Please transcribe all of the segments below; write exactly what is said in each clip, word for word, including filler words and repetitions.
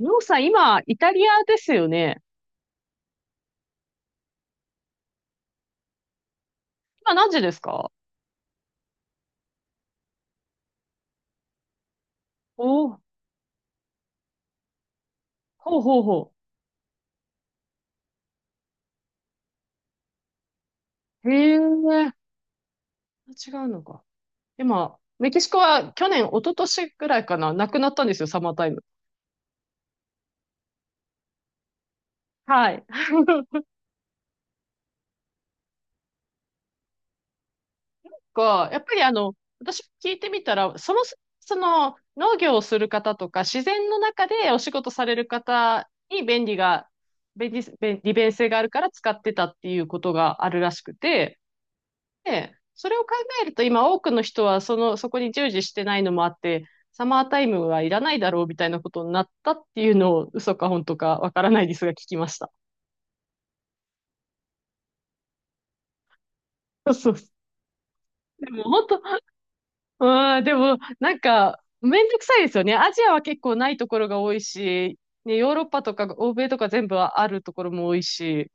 りょうさん、今、イタリアですよね。今何時ですか？おーほうほうほう。へえ、違うのか。今、メキシコは去年、一昨年ぐらいかな、なくなったんですよ、サマータイム。はい。か、やっぱりあの、私聞いてみたら、その、その、農業をする方とか、自然の中でお仕事される方に便利が、便利、便利便性があるから使ってたっていうことがあるらしくて、で、それを考えると今多くの人はその、そこに従事してないのもあって、サマータイムはいらないだろうみたいなことになったっていうのを嘘か本当かわからないですが聞きました。そうそうそう。でも本当、うん、でもなんかめんどくさいですよね。アジアは結構ないところが多いし、ね、ヨーロッパとか欧米とか全部あるところも多いし。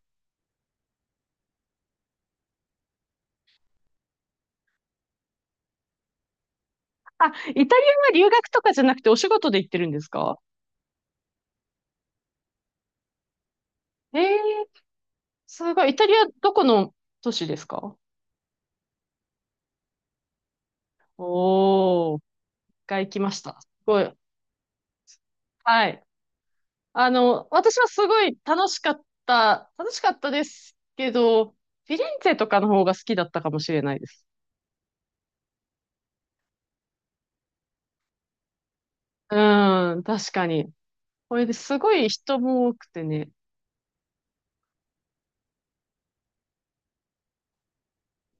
あ、イタリアは留学とかじゃなくてお仕事で行ってるんですか？ええーすごい。イタリアどこの都市ですか？おー。が行きました。すごい。はい。あの、私はすごい楽しかった、楽しかったですけど、フィレンツェとかの方が好きだったかもしれないです。うーん、確かに。これですごい人も多くてね。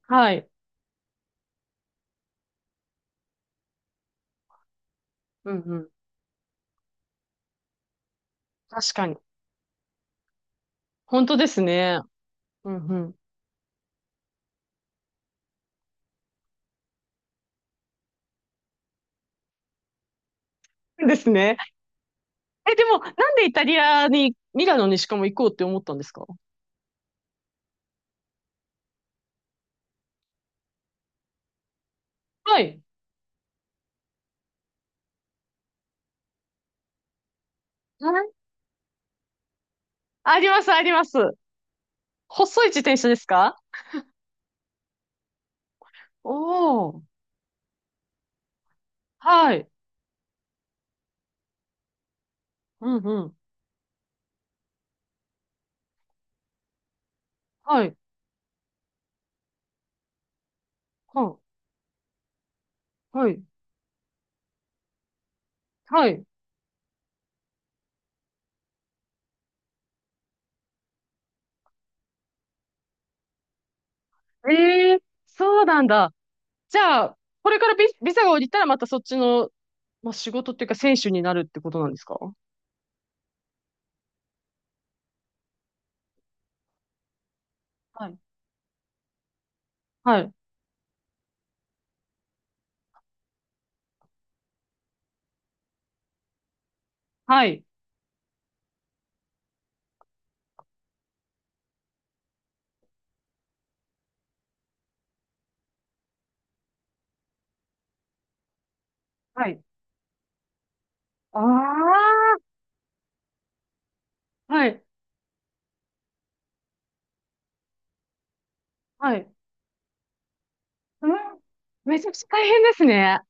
はい。うんうん。確かに。本当ですね。うんうん。ですね。え、でも、なんでイタリアに、ミラノにしかも行こうって思ったんですか？はい。はい、あります、あります。細い自転車ですか？おー。はい。うんうん。はい。はあ、はい、はい。ええ、そうなんだ。じゃあ、これからビ、ビザが降りたらまたそっちの、まあ、仕事っていうか選手になるってことなんですか？はい。はい。はい。はい。ああ、はい。はい。うん。めちゃくちゃ大変ですね。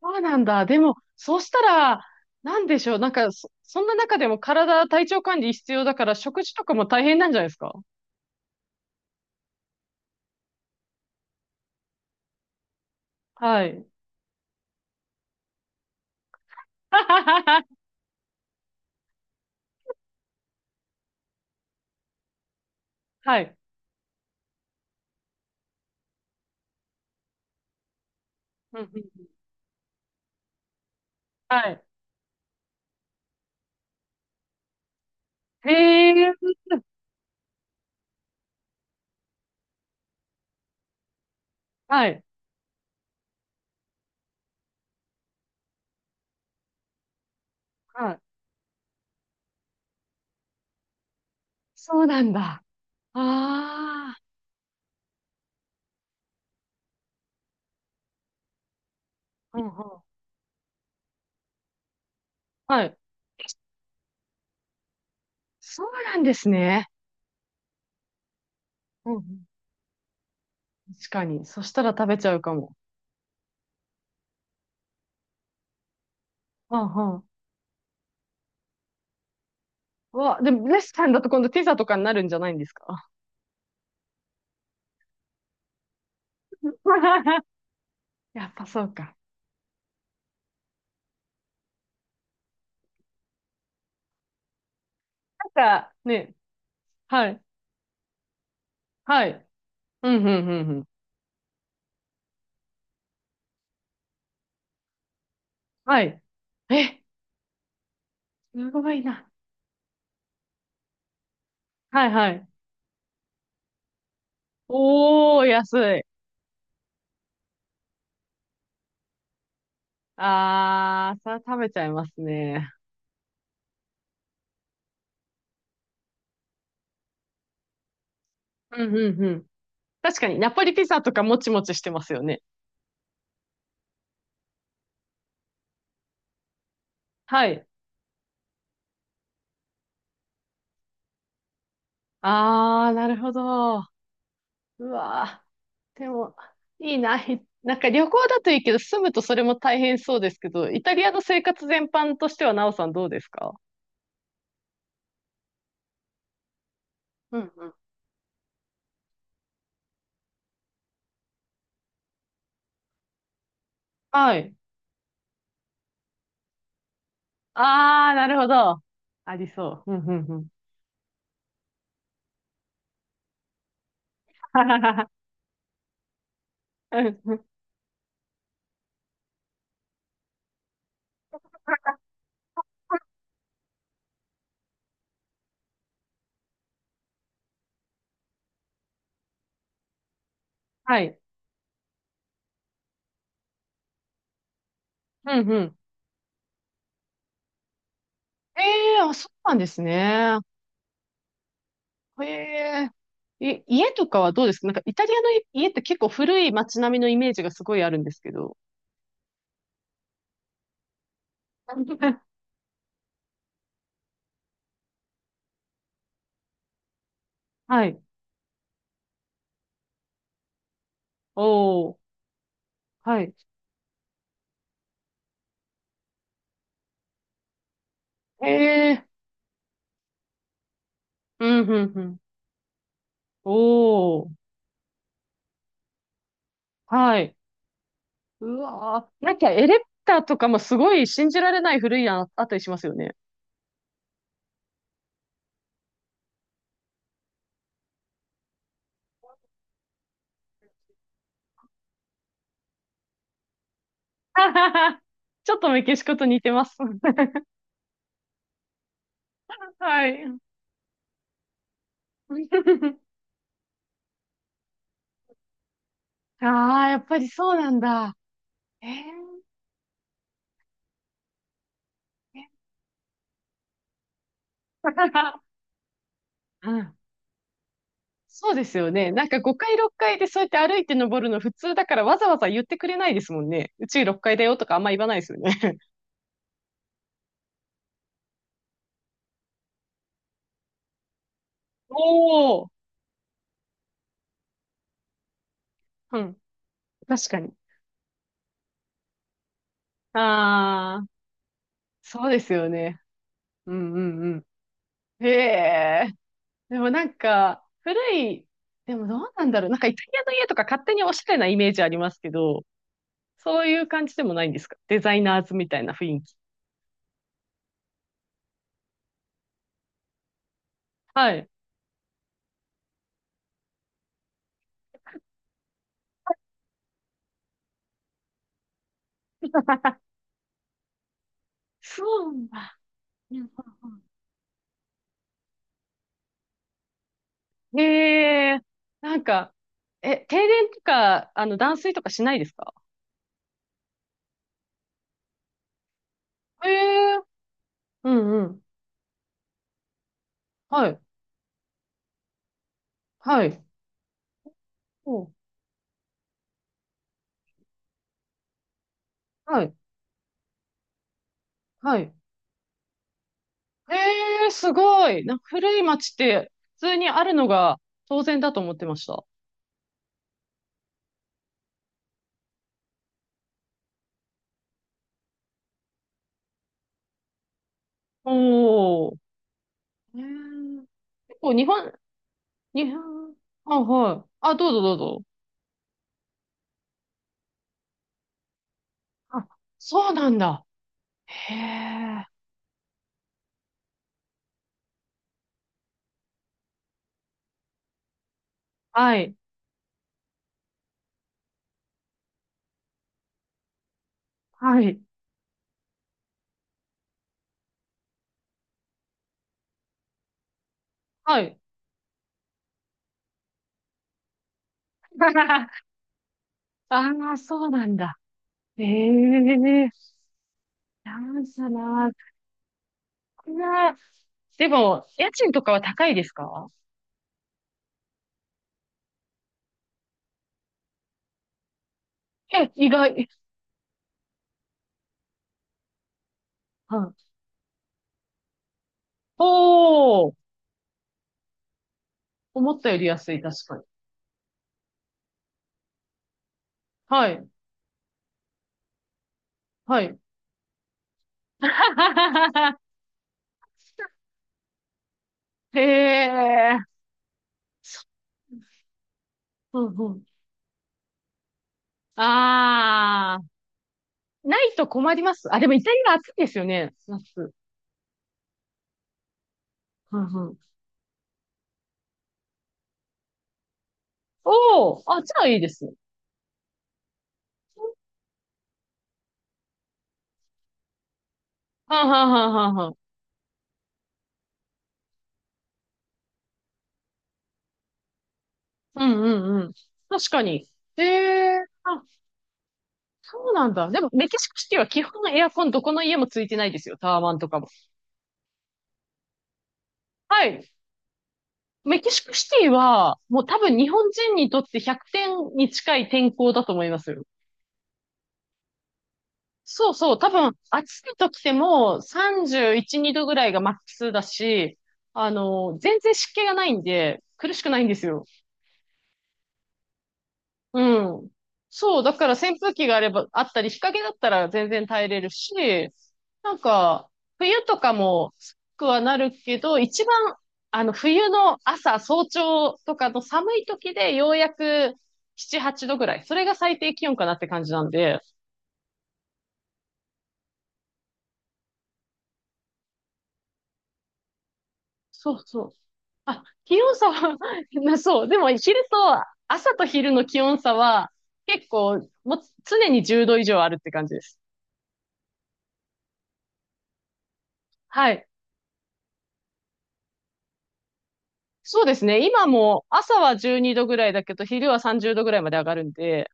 そうなんだ。でも、そうしたら、なんでしょう。なんか、そ、そんな中でも体、体調管理必要だから、食事とかも大変なんじゃないですか？はい。はい。うんうん、はい。へえ。はい。はい。そうなんだ。ああ。うんうん。はい。そうなんですね。うんうん。確かに。そしたら食べちゃうかも。うんうん。うわ、でもレストランだと今度ピザとかになるんじゃないんですか？ やっぱそうか。なんか、ね、はい。はい。うんうんうんうん。はい。え、すごいな。はいはい。おー、安い。あー、それは食べちゃいますね。うんうんうん。確かに、ナポリピザとかもちもちしてますよね。はい。ああ、なるほど。うわー。でも、いいな。ひなんか旅行だといいけど、住むとそれも大変そうですけど、イタリアの生活全般としては、なおさんどうですか？うんうん。はい。ああ、なるほど。ありそう。うん、うん、うん。ははははうんうん、はい。うんうん。ええ、あ、そうなんですね。ええ、い、家とかはどうですか？なんかイタリアの家って結構古い街並みのイメージがすごいあるんですけど。はい。おお。はい。ええ、うん、うん、うん。おー。はい。うわー。なんかエレベーターとかもすごい信じられない古いやんあったりしますよね。はははちょっとメキシコと似てます。はい。ああ、やっぱりそうなんだ。ええ うん、そうですよね。なんかごかい、ろっかいでそうやって歩いて登るの普通だからわざわざ言ってくれないですもんね。うちろっかいだよとかあんま言わないですよね。おお。うん。確かに。ああ。そうですよね。うんうんうん。へえ。でもなんか、古い、でもどうなんだろう。なんかイタリアの家とか勝手におしゃれなイメージありますけど、そういう感じでもないんですか？デザイナーズみたいな雰囲気。はい。そうなんだ。うんうんうんへえ。なんか、え、停電とか、あの、断水とかしないですか？へえ。うんうん。はい。はい。おはい。はい。ええ、すごい。なんか古い町って普通にあるのが当然だと思ってました。おー。えー、結構日本、日本、あ、はい。あ、どうぞどうぞ。あ、そうなんだ。へえ。はい。はい。はい。ああ、そうなんだ。ええ、なんだな。こんな、でも、家賃とかは高いですか？え、意外。はい。おー。思ったより安い、確かに。はい。はい。へえ。うんうん。ああ、ないと困ります。あ、でもイタリア暑いですよね、夏。うんうん。おお、あ、じゃあいいです。はんはんはんはんはん。うんうんうん。確かに。ええ、あ、そうなんだ。でも、メキシコシティは基本エアコンどこの家もついてないですよ。タワマンとかも。はい。メキシコシティは、もう多分日本人にとってひゃくてんに近い天候だと思いますよ。そうそう、多分暑い時でもさんじゅういち、にどぐらいがマックスだし、あの、全然湿気がないんで、苦しくないんですよ。うん。そう、だから扇風機があれば、あったり、日陰だったら全然耐えれるし、なんか、冬とかも暑くはなるけど、一番、あの、冬の朝、早朝とかの寒い時でようやくなな、はちどぐらい。それが最低気温かなって感じなんで、そうそう、あ、気温差は なそう。でも昼と、朝と昼の気温差は結構、もう常にじゅうど以上あるって感じです。はい。そうですね。今も朝はじゅうにどぐらいだけど、昼はさんじゅうどぐらいまで上がるんで、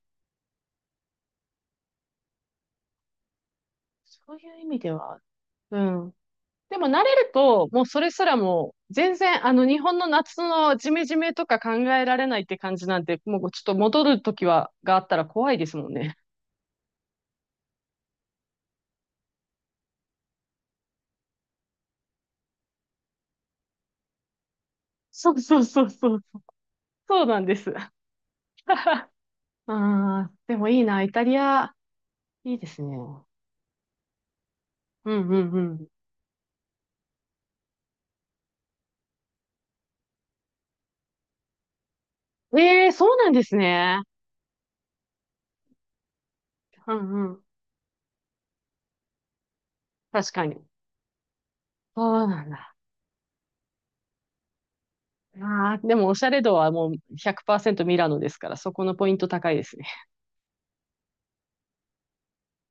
そういう意味では、うん。でも慣れると、もうそれすらもう全然、あの日本の夏のジメジメとか考えられないって感じなんで、もうちょっと戻る時は、があったら怖いですもんね。そうそうそうそう。そうなんです。ああ、でもいいな、イタリア、いいですね。うんうんうん。ええ、そうなんですね。うんうん。確かに。そうなんだ。ああ、でもおしゃれ度はもうひゃくパーセントミラノですから、そこのポイント高いですね。